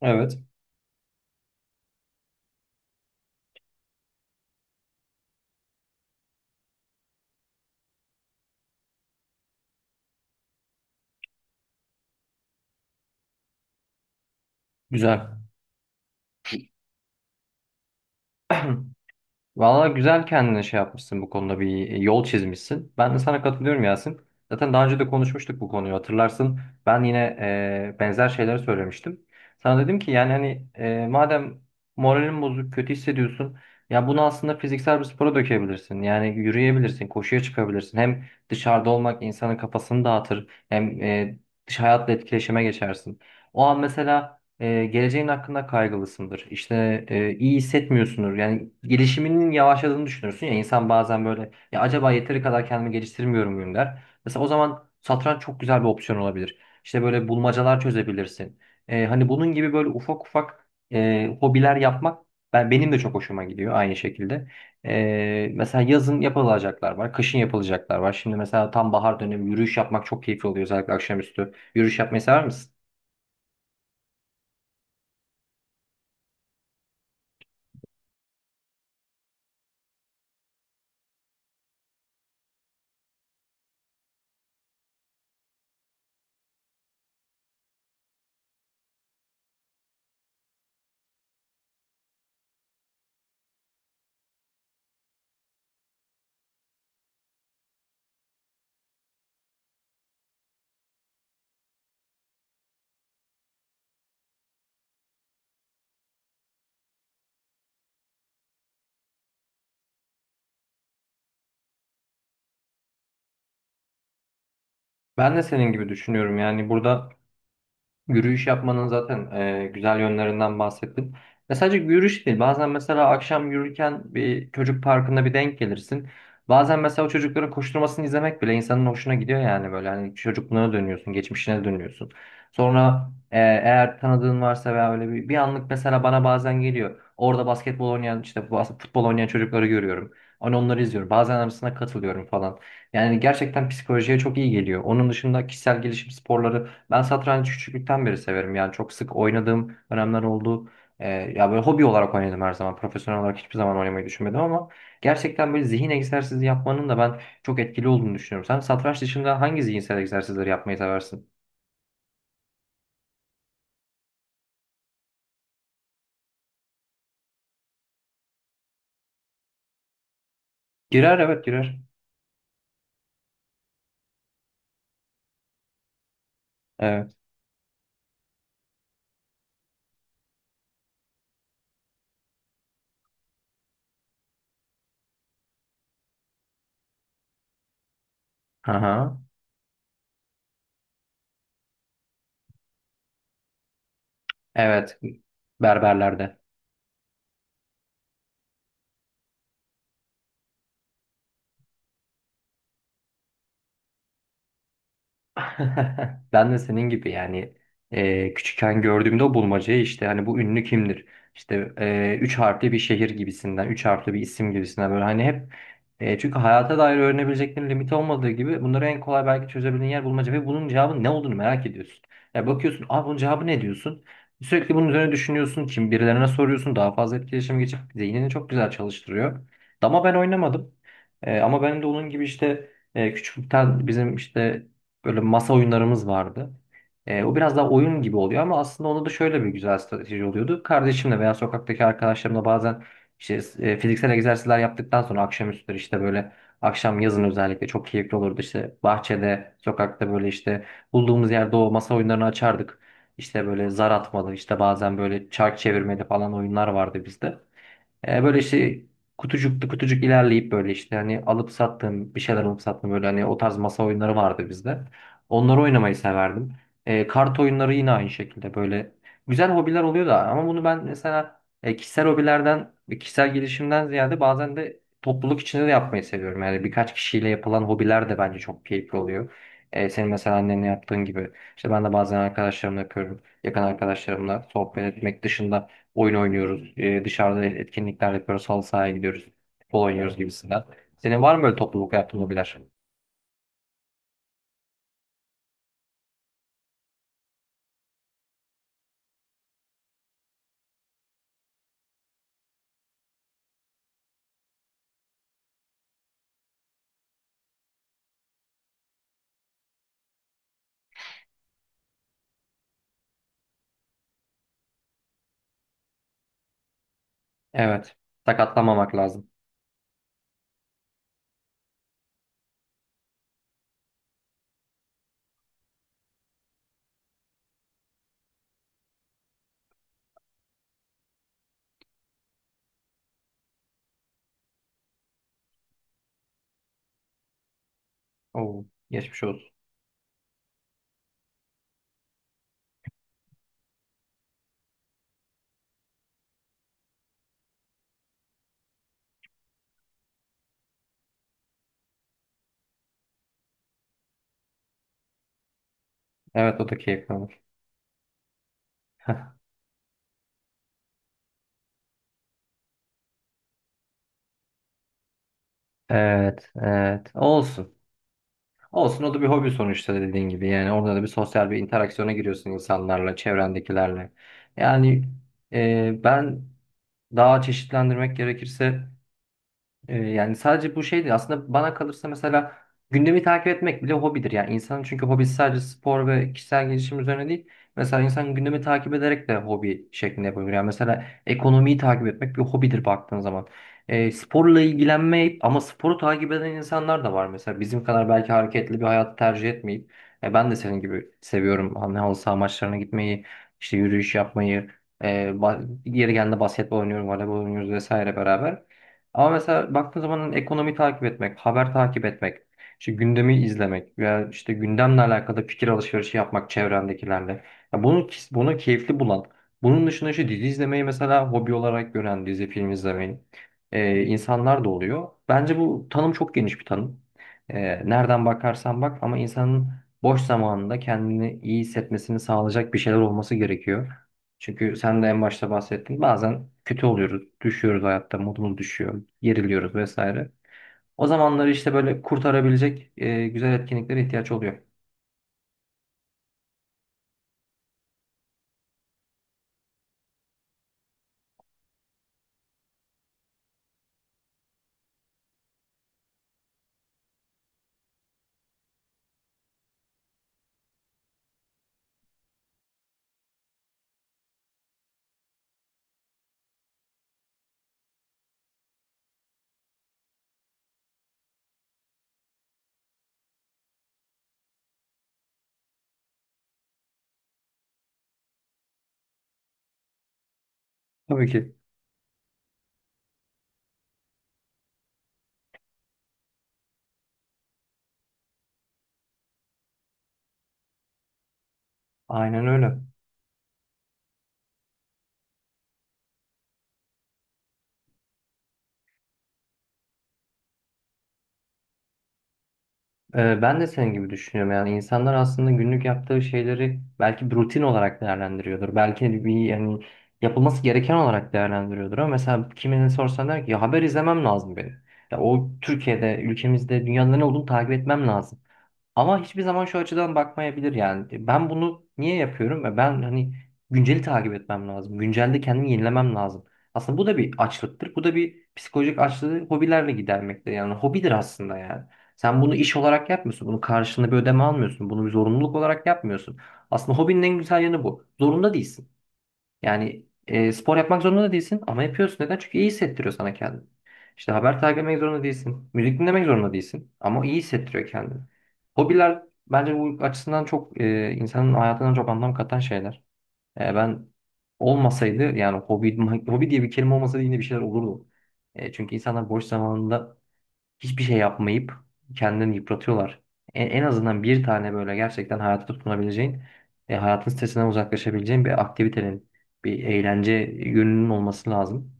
Evet. Güzel. Valla güzel kendine şey yapmışsın bu konuda bir yol çizmişsin. Ben de sana katılıyorum Yasin. Zaten daha önce de konuşmuştuk bu konuyu hatırlarsın. Ben yine benzer şeyleri söylemiştim. Sana dedim ki yani hani madem moralin bozuk, kötü hissediyorsun. Ya bunu aslında fiziksel bir spora dökebilirsin. Yani yürüyebilirsin, koşuya çıkabilirsin. Hem dışarıda olmak insanın kafasını dağıtır. Hem dış hayatla etkileşime geçersin. O an mesela geleceğin hakkında kaygılısındır. İşte iyi hissetmiyorsundur. Yani gelişiminin yavaşladığını düşünürsün ya insan bazen böyle ya acaba yeteri kadar kendimi geliştirmiyor muyum der. Mesela o zaman satranç çok güzel bir opsiyon olabilir. İşte böyle bulmacalar çözebilirsin. Hani bunun gibi böyle ufak ufak hobiler yapmak benim de çok hoşuma gidiyor aynı şekilde. Mesela yazın yapılacaklar var, kışın yapılacaklar var. Şimdi mesela tam bahar dönemi yürüyüş yapmak çok keyifli oluyor özellikle akşamüstü. Yürüyüş yapmayı sever misin? Ben de senin gibi düşünüyorum. Yani burada yürüyüş yapmanın zaten güzel yönlerinden bahsettin. Ve sadece yürüyüş değil. Bazen mesela akşam yürürken bir çocuk parkında bir denk gelirsin. Bazen mesela o çocukların koşturmasını izlemek bile insanın hoşuna gidiyor yani böyle. Hani çocukluğuna dönüyorsun, geçmişine dönüyorsun. Sonra eğer tanıdığın varsa veya öyle bir anlık mesela bana bazen geliyor. Orada basketbol oynayan işte futbol oynayan çocukları görüyorum. Hani onları izliyorum. Bazen arasına katılıyorum falan. Yani gerçekten psikolojiye çok iyi geliyor. Onun dışında kişisel gelişim sporları, ben satranç küçüklükten beri severim. Yani çok sık oynadığım dönemler oldu. Ya böyle hobi olarak oynadım her zaman. Profesyonel olarak hiçbir zaman oynamayı düşünmedim ama gerçekten böyle zihin egzersizi yapmanın da ben çok etkili olduğunu düşünüyorum. Sen satranç dışında hangi zihinsel egzersizleri yapmayı seversin? Girer, evet girer. Evet. Aha. Evet. Berberlerde. Ben de senin gibi yani küçükken gördüğümde o bulmacayı işte hani bu ünlü kimdir? İşte üç harfli bir şehir gibisinden, üç harfli bir isim gibisinden böyle hani hep, çünkü hayata dair öğrenebileceklerin limiti olmadığı gibi bunları en kolay belki çözebildiğin yer bulmaca ve bunun cevabı ne olduğunu merak ediyorsun. Ya bakıyorsun, "Aa bunun cevabı ne?" diyorsun. Sürekli bunun üzerine düşünüyorsun, kim birilerine soruyorsun, daha fazla etkileşim geçip zihnini çok güzel çalıştırıyor. Dama ben oynamadım. E, ama benim de onun gibi işte, küçüklükten bizim işte böyle masa oyunlarımız vardı. O biraz daha oyun gibi oluyor ama aslında onda da şöyle bir güzel strateji oluyordu. Kardeşimle veya sokaktaki arkadaşlarımla bazen işte fiziksel egzersizler yaptıktan sonra akşamüstleri işte böyle akşam yazın özellikle çok keyifli olurdu. İşte bahçede, sokakta böyle işte bulduğumuz yerde o masa oyunlarını açardık. İşte böyle zar atmalı, işte bazen böyle çark çevirmeli falan oyunlar vardı bizde. Böyle işte kutucuklu kutucuk ilerleyip böyle işte hani alıp sattığım bir şeyler alıp sattığım böyle hani o tarz masa oyunları vardı bizde. Onları oynamayı severdim. E, kart oyunları yine aynı şekilde böyle güzel hobiler oluyor da ama bunu ben mesela kişisel hobilerden ve kişisel gelişimden ziyade bazen de topluluk içinde de yapmayı seviyorum. Yani birkaç kişiyle yapılan hobiler de bence çok keyifli oluyor. Senin mesela annenle yaptığın gibi. İşte ben de bazen arkadaşlarımla yapıyorum. Yakın arkadaşlarımla sohbet etmek dışında oyun oynuyoruz. Dışarıda etkinlikler yapıyoruz. Halı sahaya gidiyoruz. Futbol oynuyoruz gibisinden. Senin var mı böyle topluluk yaptığın hobiler? Evet. Sakatlanmamak lazım. Oo, geçmiş olsun. Evet o da keyifli olur. Evet, evet. Olsun. Olsun, o da bir hobi sonuçta dediğin gibi. Yani orada da bir sosyal bir interaksiyona giriyorsun insanlarla, çevrendekilerle. Yani ben daha çeşitlendirmek gerekirse, yani sadece bu şey değil. Aslında bana kalırsa mesela gündemi takip etmek bile hobidir. Yani insanın çünkü hobisi sadece spor ve kişisel gelişim üzerine değil. Mesela insan gündemi takip ederek de hobi şeklinde yapabilir. Yani mesela ekonomiyi takip etmek bir hobidir baktığın zaman. Sporla ilgilenmeyip ama sporu takip eden insanlar da var. Mesela bizim kadar belki hareketli bir hayatı tercih etmeyip, ben de senin gibi seviyorum. Hani halı saha maçlarına gitmeyi, işte yürüyüş yapmayı. E, yeri geldiğinde basketbol oynuyorum, voleybol oynuyoruz vesaire beraber. Ama mesela baktığın zaman hani ekonomi takip etmek, haber takip etmek, işte gündemi izlemek veya işte gündemle alakalı fikir alışverişi yapmak çevrendekilerle. Ya bunu keyifli bulan, bunun dışında işte dizi izlemeyi mesela hobi olarak gören, dizi film izlemeyi insanlar da oluyor. Bence bu tanım çok geniş bir tanım. E, Nereden bakarsan bak ama insanın boş zamanında kendini iyi hissetmesini sağlayacak bir şeyler olması gerekiyor. Çünkü sen de en başta bahsettin. Bazen kötü oluyoruz, düşüyoruz hayatta, modumuz düşüyor, geriliyoruz vesaire. O zamanları işte böyle kurtarabilecek güzel etkinliklere ihtiyaç oluyor. Tabii ki. Aynen öyle. E, ben de senin gibi düşünüyorum. Yani insanlar aslında günlük yaptığı şeyleri belki bir rutin olarak değerlendiriyordur. Belki bir yani yapılması gereken olarak değerlendiriyordur. Ama mesela kimine sorsan der ki ya haber izlemem lazım benim. Ya o Türkiye'de, ülkemizde, dünyada ne olduğunu takip etmem lazım. Ama hiçbir zaman şu açıdan bakmayabilir yani. Ben bunu niye yapıyorum? E, ben hani günceli takip etmem lazım. Güncelde kendimi yenilemem lazım. Aslında bu da bir açlıktır. Bu da bir psikolojik açlığı hobilerle gidermekte. Yani hobidir aslında yani. Sen bunu iş olarak yapmıyorsun. Bunun karşılığında bir ödeme almıyorsun. Bunu bir zorunluluk olarak yapmıyorsun. Aslında hobinin en güzel yanı bu. Zorunda değilsin. Yani spor yapmak zorunda da değilsin ama yapıyorsun. Neden? Çünkü iyi hissettiriyor sana kendini. İşte haber takip etmek zorunda değilsin. Müzik dinlemek zorunda değilsin. Ama iyi hissettiriyor kendini. Hobiler bence bu açısından çok insanın hayatına çok anlam katan şeyler. Ben olmasaydı yani hobi diye bir kelime olmasaydı yine bir şeyler olurdu. Çünkü insanlar boş zamanında hiçbir şey yapmayıp kendini yıpratıyorlar. En azından bir tane böyle gerçekten hayata tutunabileceğin ve hayatın stresinden uzaklaşabileceğin bir aktivitenin, bir eğlence yönünün olması lazım.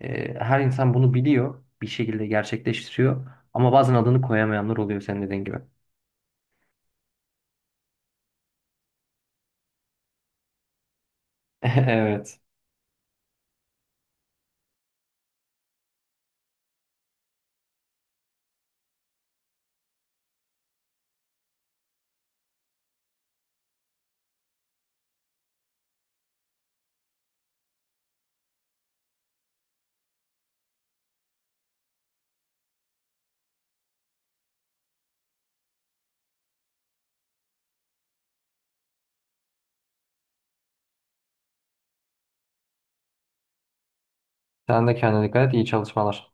Her insan bunu biliyor, bir şekilde gerçekleştiriyor ama bazen adını koyamayanlar oluyor senin dediğin gibi. Evet. Sen de kendine dikkat et, iyi çalışmalar.